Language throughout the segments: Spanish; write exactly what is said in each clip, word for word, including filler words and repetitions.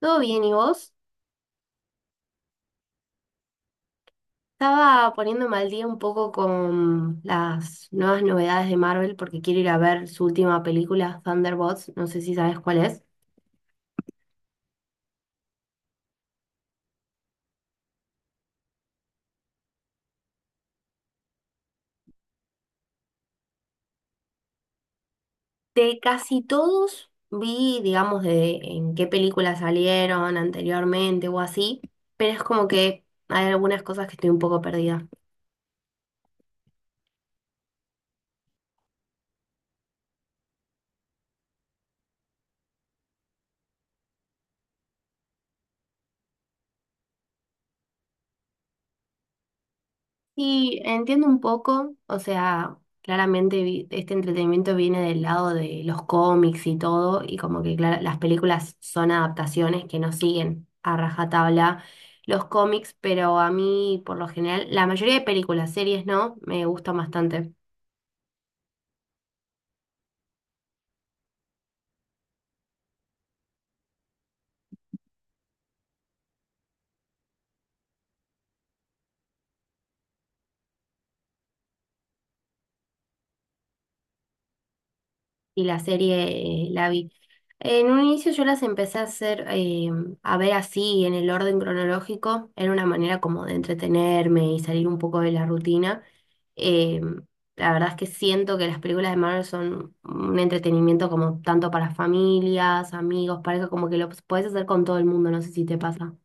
Todo bien, ¿y vos? Estaba poniéndome al día un poco con las nuevas novedades de Marvel porque quiero ir a ver su última película, Thunderbolts, no sé si sabes cuál es. De casi todos vi, digamos, de en qué películas salieron anteriormente o así, pero es como que hay algunas cosas que estoy un poco perdida. Sí, entiendo un poco, o sea, claramente vi- este entretenimiento viene del lado de los cómics y todo, y como que clara- las películas son adaptaciones que no siguen a rajatabla los cómics, pero a mí por lo general, la mayoría de películas, series no, me gustan bastante. Y la serie eh, la vi. En un inicio yo las empecé a hacer, eh, a ver así, en el orden cronológico, era una manera como de entretenerme y salir un poco de la rutina. Eh, la verdad es que siento que las películas de Marvel son un entretenimiento como tanto para familias, amigos, pareja, como que lo puedes hacer con todo el mundo, no sé si te pasa.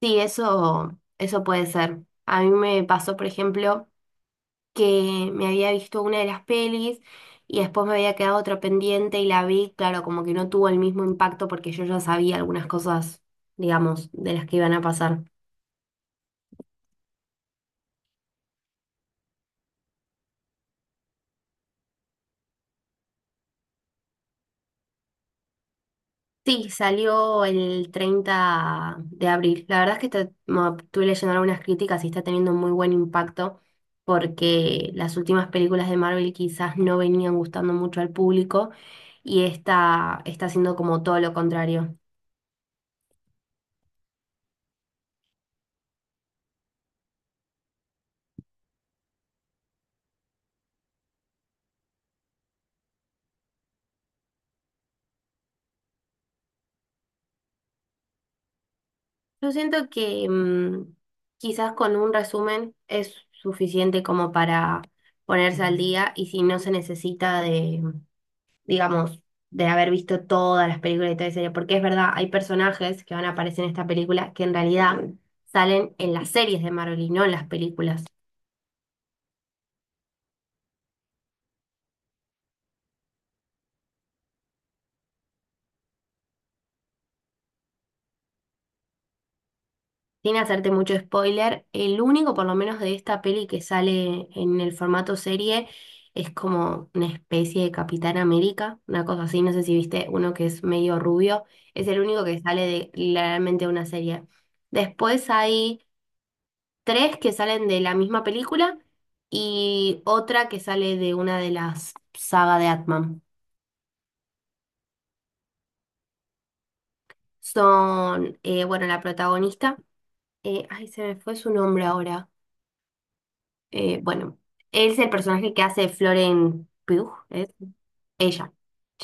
Sí, eso, eso puede ser. A mí me pasó, por ejemplo, que me había visto una de las pelis y después me había quedado otra pendiente y la vi, claro, como que no tuvo el mismo impacto porque yo ya sabía algunas cosas, digamos, de las que iban a pasar. Sí, salió el treinta de abril. La verdad es que está- mo- estuve leyendo algunas críticas y está teniendo muy buen impacto porque las últimas películas de Marvel quizás no venían gustando mucho al público y esta está haciendo como todo lo contrario. Yo siento que mm, quizás con un resumen es suficiente como para ponerse al día y si no se necesita de, digamos, de haber visto todas las películas y toda la serie, porque es verdad, hay personajes que van a aparecer en esta película que en realidad salen en las series de Marvel y no en las películas. Sin hacerte mucho spoiler, el único, por lo menos de esta peli que sale en el formato serie, es como una especie de Capitán América, una cosa así, no sé si viste uno que es medio rubio, es el único que sale de literalmente una serie. Después hay tres que salen de la misma película y otra que sale de una de las sagas de Atman. Son, eh, bueno, la protagonista, eh, ay, se me fue su nombre ahora. Eh, bueno, él es el personaje que hace Florence Pugh, ¿es? Ella,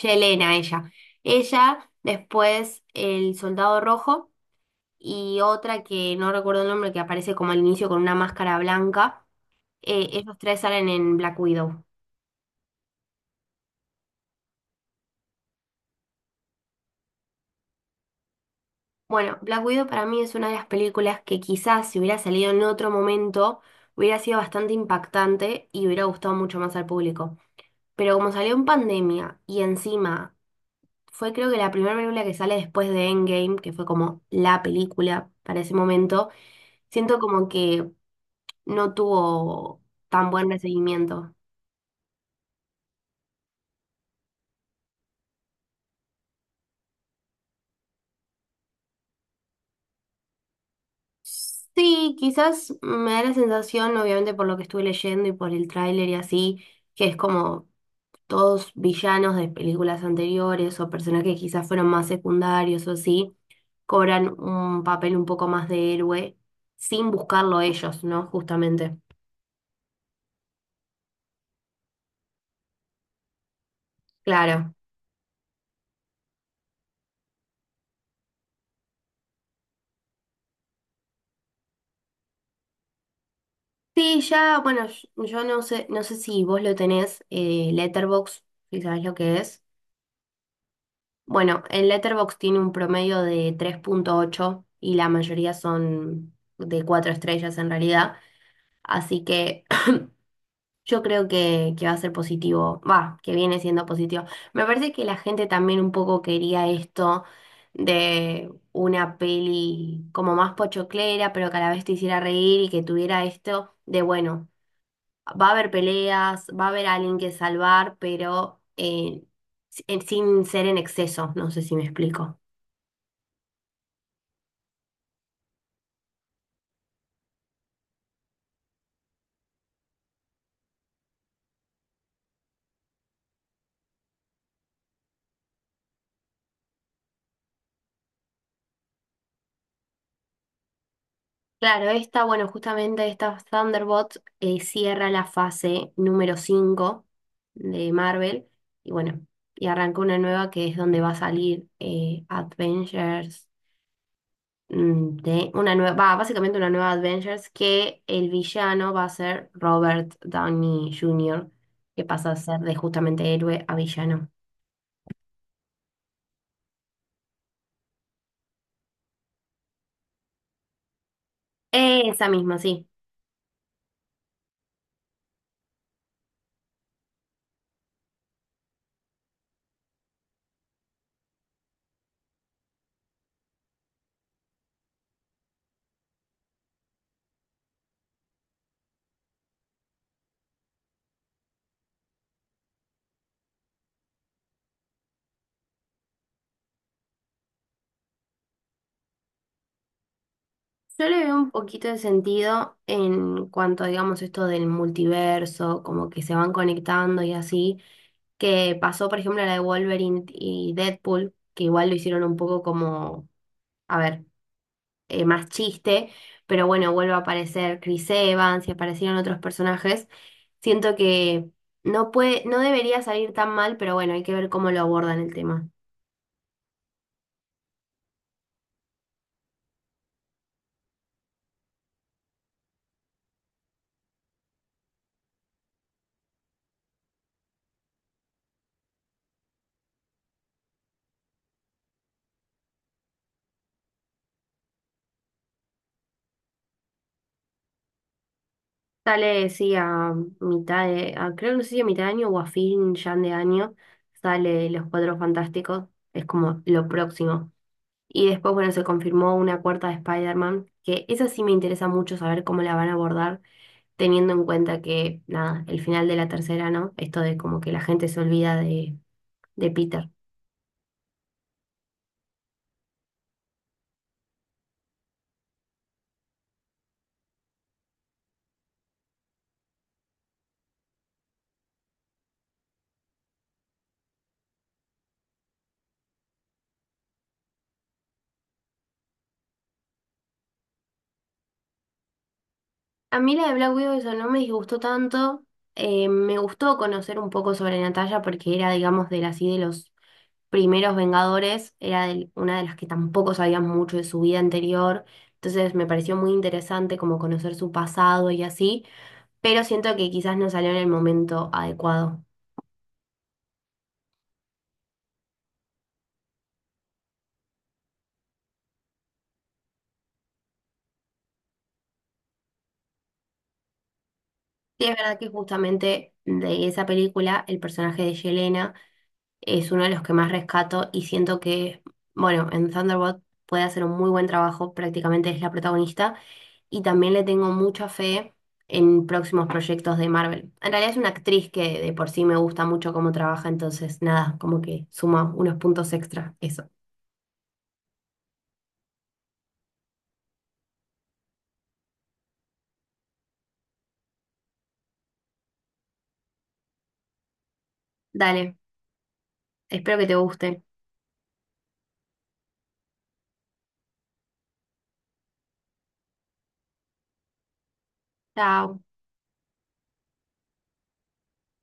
Yelena, ella. Ella, después el soldado rojo y otra que no recuerdo el nombre, que aparece como al inicio con una máscara blanca. Eh, esos tres salen en Black Widow. Bueno, Black Widow para mí es una de las películas que quizás si hubiera salido en otro momento hubiera sido bastante impactante y hubiera gustado mucho más al público. Pero como salió en pandemia y encima fue creo que la primera película que sale después de Endgame, que fue como la película para ese momento. Siento como que no tuvo tan buen recibimiento. Sí, quizás me da la sensación, obviamente por lo que estuve leyendo y por el tráiler y así, que es como todos villanos de películas anteriores o personajes que quizás fueron más secundarios o así, cobran un papel un poco más de héroe sin buscarlo ellos, ¿no? Justamente. Claro. Sí, ya, bueno, yo yo no sé, no sé si vos lo tenés, eh, Letterboxd, si sabés lo que es. Bueno, en Letterboxd tiene un promedio de tres punto ocho y la mayoría son de cuatro estrellas en realidad. Así que yo creo que, que va a ser positivo, va, que viene siendo positivo. Me parece que la gente también un poco quería esto de una peli como más pochoclera, pero que a la vez te hiciera reír y que tuviera esto de, bueno, va a haber peleas, va a haber alguien que salvar, pero eh, si- en- sin ser en exceso, no sé si me explico. Claro, esta, bueno, justamente esta Thunderbolt eh, cierra la fase número cinco de Marvel y bueno, y arranca una nueva que es donde va a salir eh, Avengers, mm, de una nueva, va, básicamente una nueva Avengers que el villano va a ser Robert Downey junior, que pasa a ser de justamente héroe a villano. Esa misma, sí. Yo le veo un poquito de sentido en cuanto, digamos, esto del multiverso, como que se van conectando y así, que pasó, por ejemplo, la de Wolverine y Deadpool, que igual lo hicieron un poco como, a ver, eh, más chiste, pero bueno, vuelve a aparecer Chris Evans y aparecieron otros personajes. Siento que no puede, no debería salir tan mal, pero bueno, hay que ver cómo lo abordan el tema. Sale, sí, a mitad de, a- creo que no sé si a mitad de año o a fin ya de año, sale Los Cuatro Fantásticos, es como lo próximo. Y después, bueno, se confirmó una cuarta de Spider-Man, que esa sí me interesa mucho saber cómo la van a abordar, teniendo en cuenta que, nada, el final de la tercera, ¿no? Esto de como que la gente se olvida de, de Peter. A mí la de Black Widow eso no me disgustó tanto, eh, me gustó conocer un poco sobre Natalia porque era, digamos, de las, y de los primeros Vengadores era del- una de las que tampoco sabíamos mucho de su vida anterior, entonces me pareció muy interesante como conocer su pasado y así, pero siento que quizás no salió en el momento adecuado. Sí es verdad que justamente de esa película el personaje de Yelena es uno de los que más rescato y siento que, bueno, en Thunderbolt puede hacer un muy buen trabajo, prácticamente es la protagonista. Y también le tengo mucha fe en próximos proyectos de Marvel. En realidad es una actriz que de por sí me gusta mucho cómo trabaja, entonces nada, como que suma unos puntos extra eso. Dale, espero que te guste. Chao.